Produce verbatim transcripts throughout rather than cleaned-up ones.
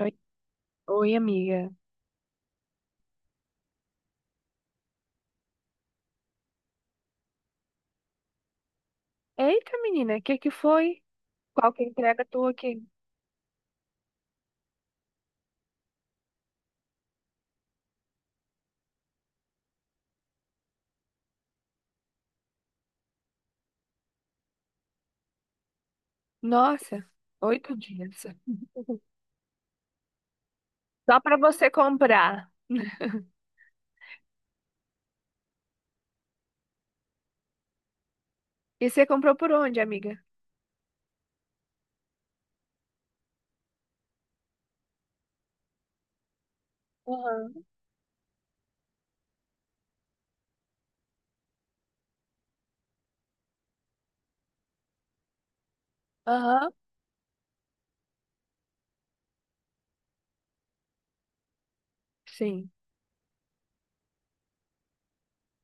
Oi, oi, amiga. Eita, menina, o que que foi? Qual que é a entrega tua aqui? Nossa, oito dias. Só pra você comprar. E você comprou por onde, amiga? Aham. Aham, sim.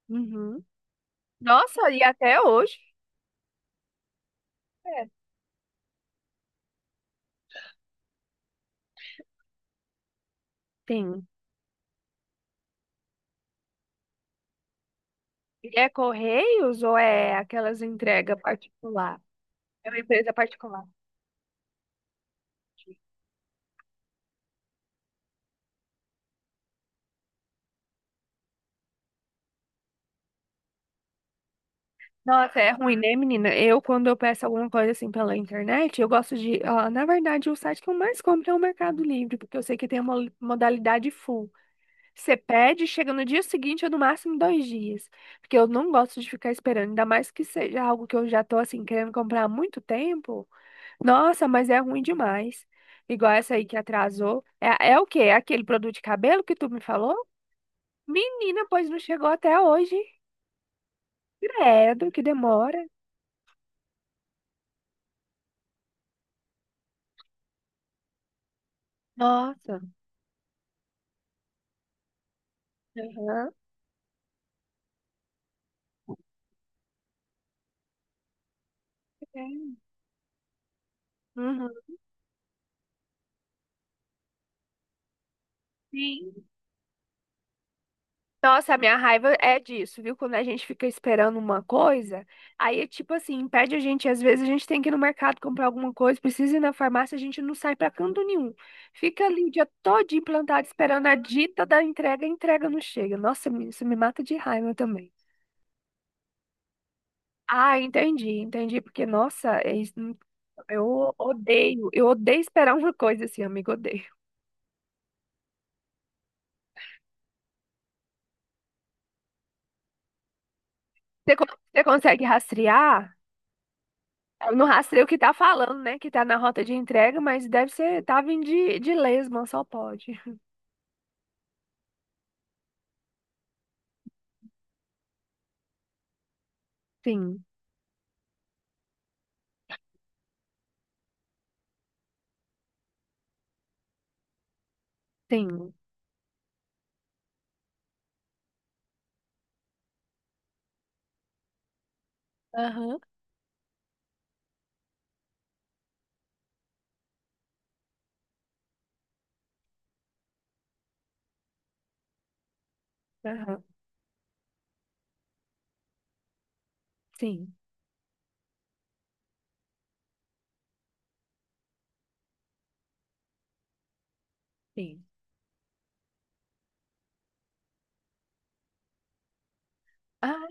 Uhum. Nossa, e até hoje? É. Tem. E é Correios ou é aquelas entregas particular? É uma empresa particular. Nossa, é ruim, né, menina? Eu, quando eu peço alguma coisa assim pela internet, eu gosto de. Ó, na verdade, o site que eu mais compro é o Mercado Livre, porque eu sei que tem uma modalidade full. Você pede, chega no dia seguinte ou no máximo dois dias. Porque eu não gosto de ficar esperando, ainda mais que seja algo que eu já tô assim querendo comprar há muito tempo. Nossa, mas é ruim demais. Igual essa aí que atrasou. É, é o quê? É aquele produto de cabelo que tu me falou? Menina, pois não chegou até hoje. Credo, que demora. Nossa. Aham. É. Uhum. Sim. Nossa, a minha raiva é disso, viu? Quando a gente fica esperando uma coisa, aí, é tipo assim, impede a gente. Às vezes a gente tem que ir no mercado comprar alguma coisa, precisa ir na farmácia, a gente não sai pra canto nenhum. Fica ali o dia todo implantado esperando a dita da entrega, a entrega não chega. Nossa, me- isso me mata de raiva também. Ah, entendi, entendi. Porque, nossa, é isso- eu odeio, eu odeio esperar uma coisa assim, amigo, odeio. Você, con- Você consegue rastrear? No rastreio que tá falando, né? Que tá na rota de entrega, mas deve ser, tá vindo de, de lesma, só pode. Sim, sim. Aham, aham, sim, sim. Ah,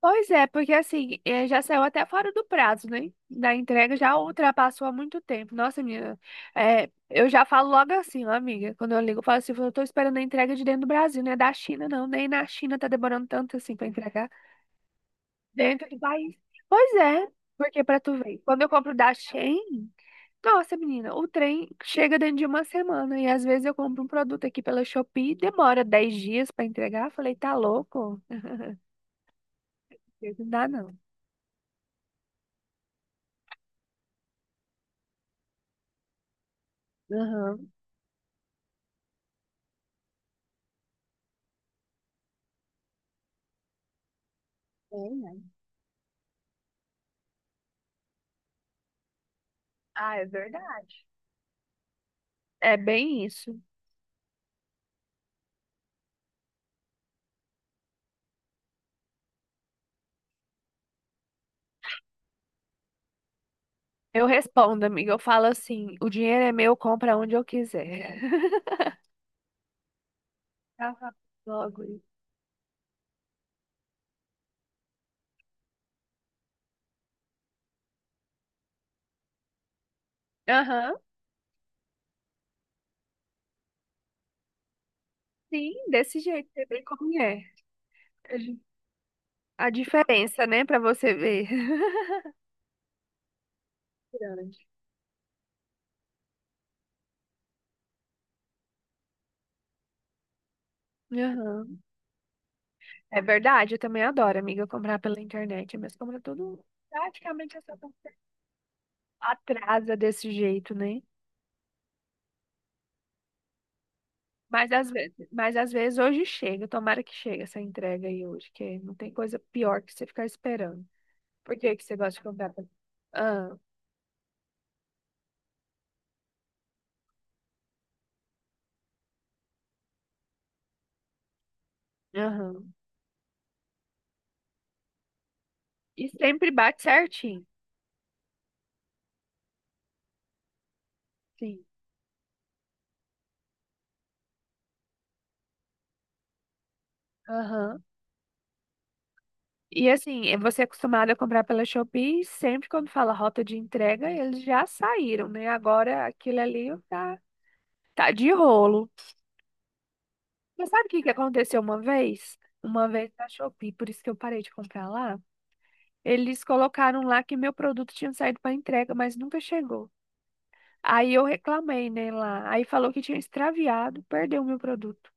pois é, porque assim, eh, já saiu até fora do prazo, né? Da entrega já ultrapassou há muito tempo. Nossa, minha, eh, eu já falo logo assim, ó, amiga, quando eu ligo, eu falo assim, eu tô esperando a entrega de dentro do Brasil, não é da China, não. Nem na China tá demorando tanto assim pra entregar dentro do país. Pois é, porque pra tu ver, quando eu compro da Shein. Nossa, menina, o trem chega dentro de uma semana e às vezes eu compro um produto aqui pela Shopee, demora dez dias pra entregar. Falei, tá louco? Não dá não. Aham. É, né? Ah, é verdade. É bem isso. Eu respondo, amiga. Eu falo assim: o dinheiro é meu, compra onde eu quiser. Tava logo isso. Aham, sim, desse jeito, você vê como é. A diferença, né, pra você ver. Grande. Aham. É verdade, eu também adoro, amiga, comprar pela internet, mas compra tudo praticamente essa atrasa desse jeito, né? Mas às vezes, mas às vezes hoje chega, tomara que chegue essa entrega aí hoje, que não tem coisa pior que você ficar esperando. Por que que você gosta de comprar pela... Ah, aham. E sempre bate certinho. Sim. Aham. E assim, é você é acostumado a comprar pela Shopee, e sempre quando fala rota de entrega, eles já saíram, né? Agora aquilo ali tá, tá de rolo. Mas sabe o que que aconteceu uma vez? Uma vez na Shopee, por isso que eu parei de comprar lá. Eles colocaram lá que meu produto tinha saído para entrega, mas nunca chegou. Aí eu reclamei, né, lá. Aí falou que tinha extraviado, perdeu o meu produto.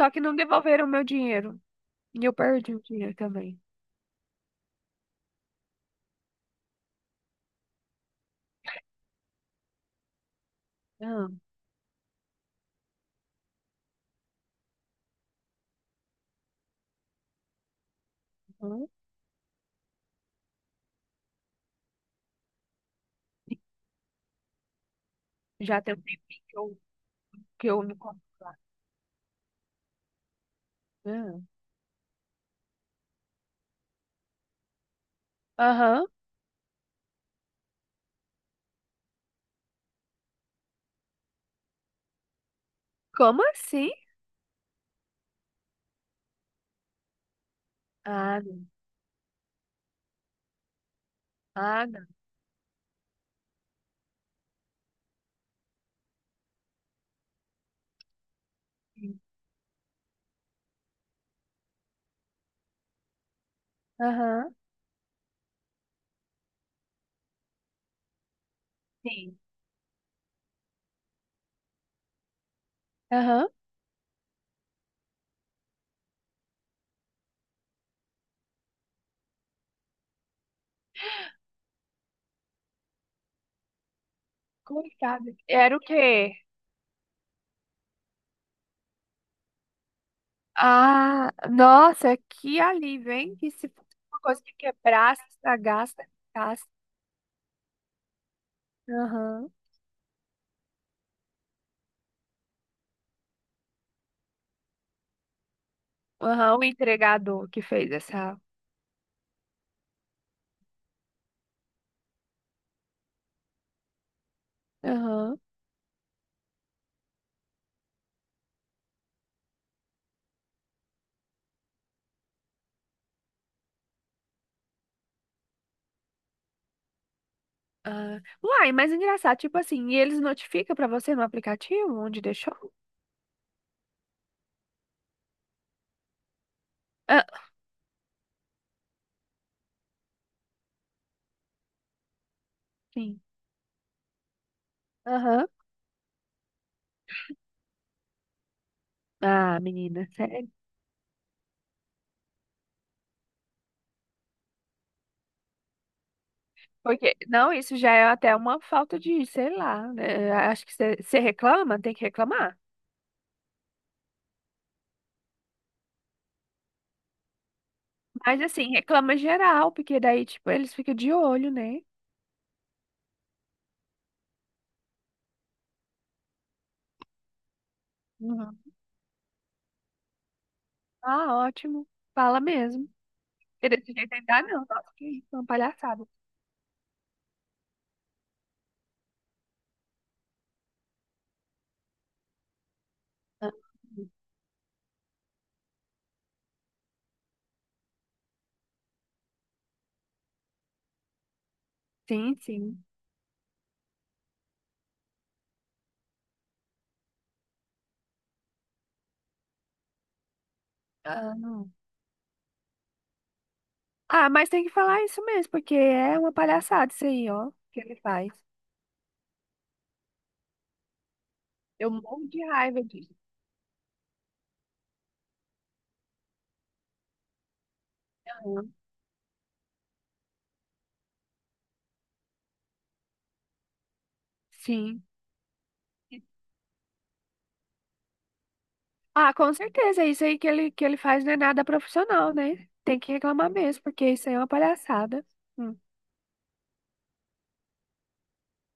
Só que não devolveram o meu dinheiro. E eu perdi o dinheiro também. Aham. Já tem um tempinho que eu, que eu não compro lá. Ah. Aham. Como assim? Ah, não. Ah, não. Sim. Aham. Sim. Aham. Coitada. Era o quê? Ah, nossa, que alívio, hein? Que se fosse uma coisa que quebrasse, estragasse, gastasse. Aham. Aham, o entregador que fez essa. Aham. Ah. Uai, mas engraçado, tipo assim, e eles notificam pra você no aplicativo onde deixou? Ah, sim. Aham. Ah, menina, sério. Porque, não, isso já é até uma falta de, sei lá, né? Acho que você reclama, tem que reclamar. Mas assim, reclama geral, porque daí, tipo, eles ficam de olho, né? Uhum. Ah, ótimo. Fala mesmo. E desse jeito ainda não. Nossa, que isso, é uma palhaçada. Ah, sim, sim. Ah, não. Ah, mas tem que falar isso mesmo, porque é uma palhaçada isso aí, ó, que ele faz. Eu morro de raiva disso. Aham. Sim. Ah, com certeza. Isso aí que ele, que ele, faz não é nada profissional, né? Tem que reclamar mesmo, porque isso aí é uma palhaçada. Hum.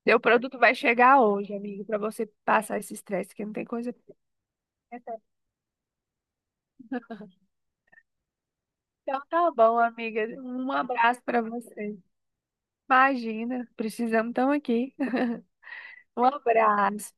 Seu produto vai chegar hoje, amigo, pra você passar esse estresse, que não tem coisa pior. Então tá bom, amiga. Um abraço pra você. Imagina, precisamos, estamos aqui. Um abraço.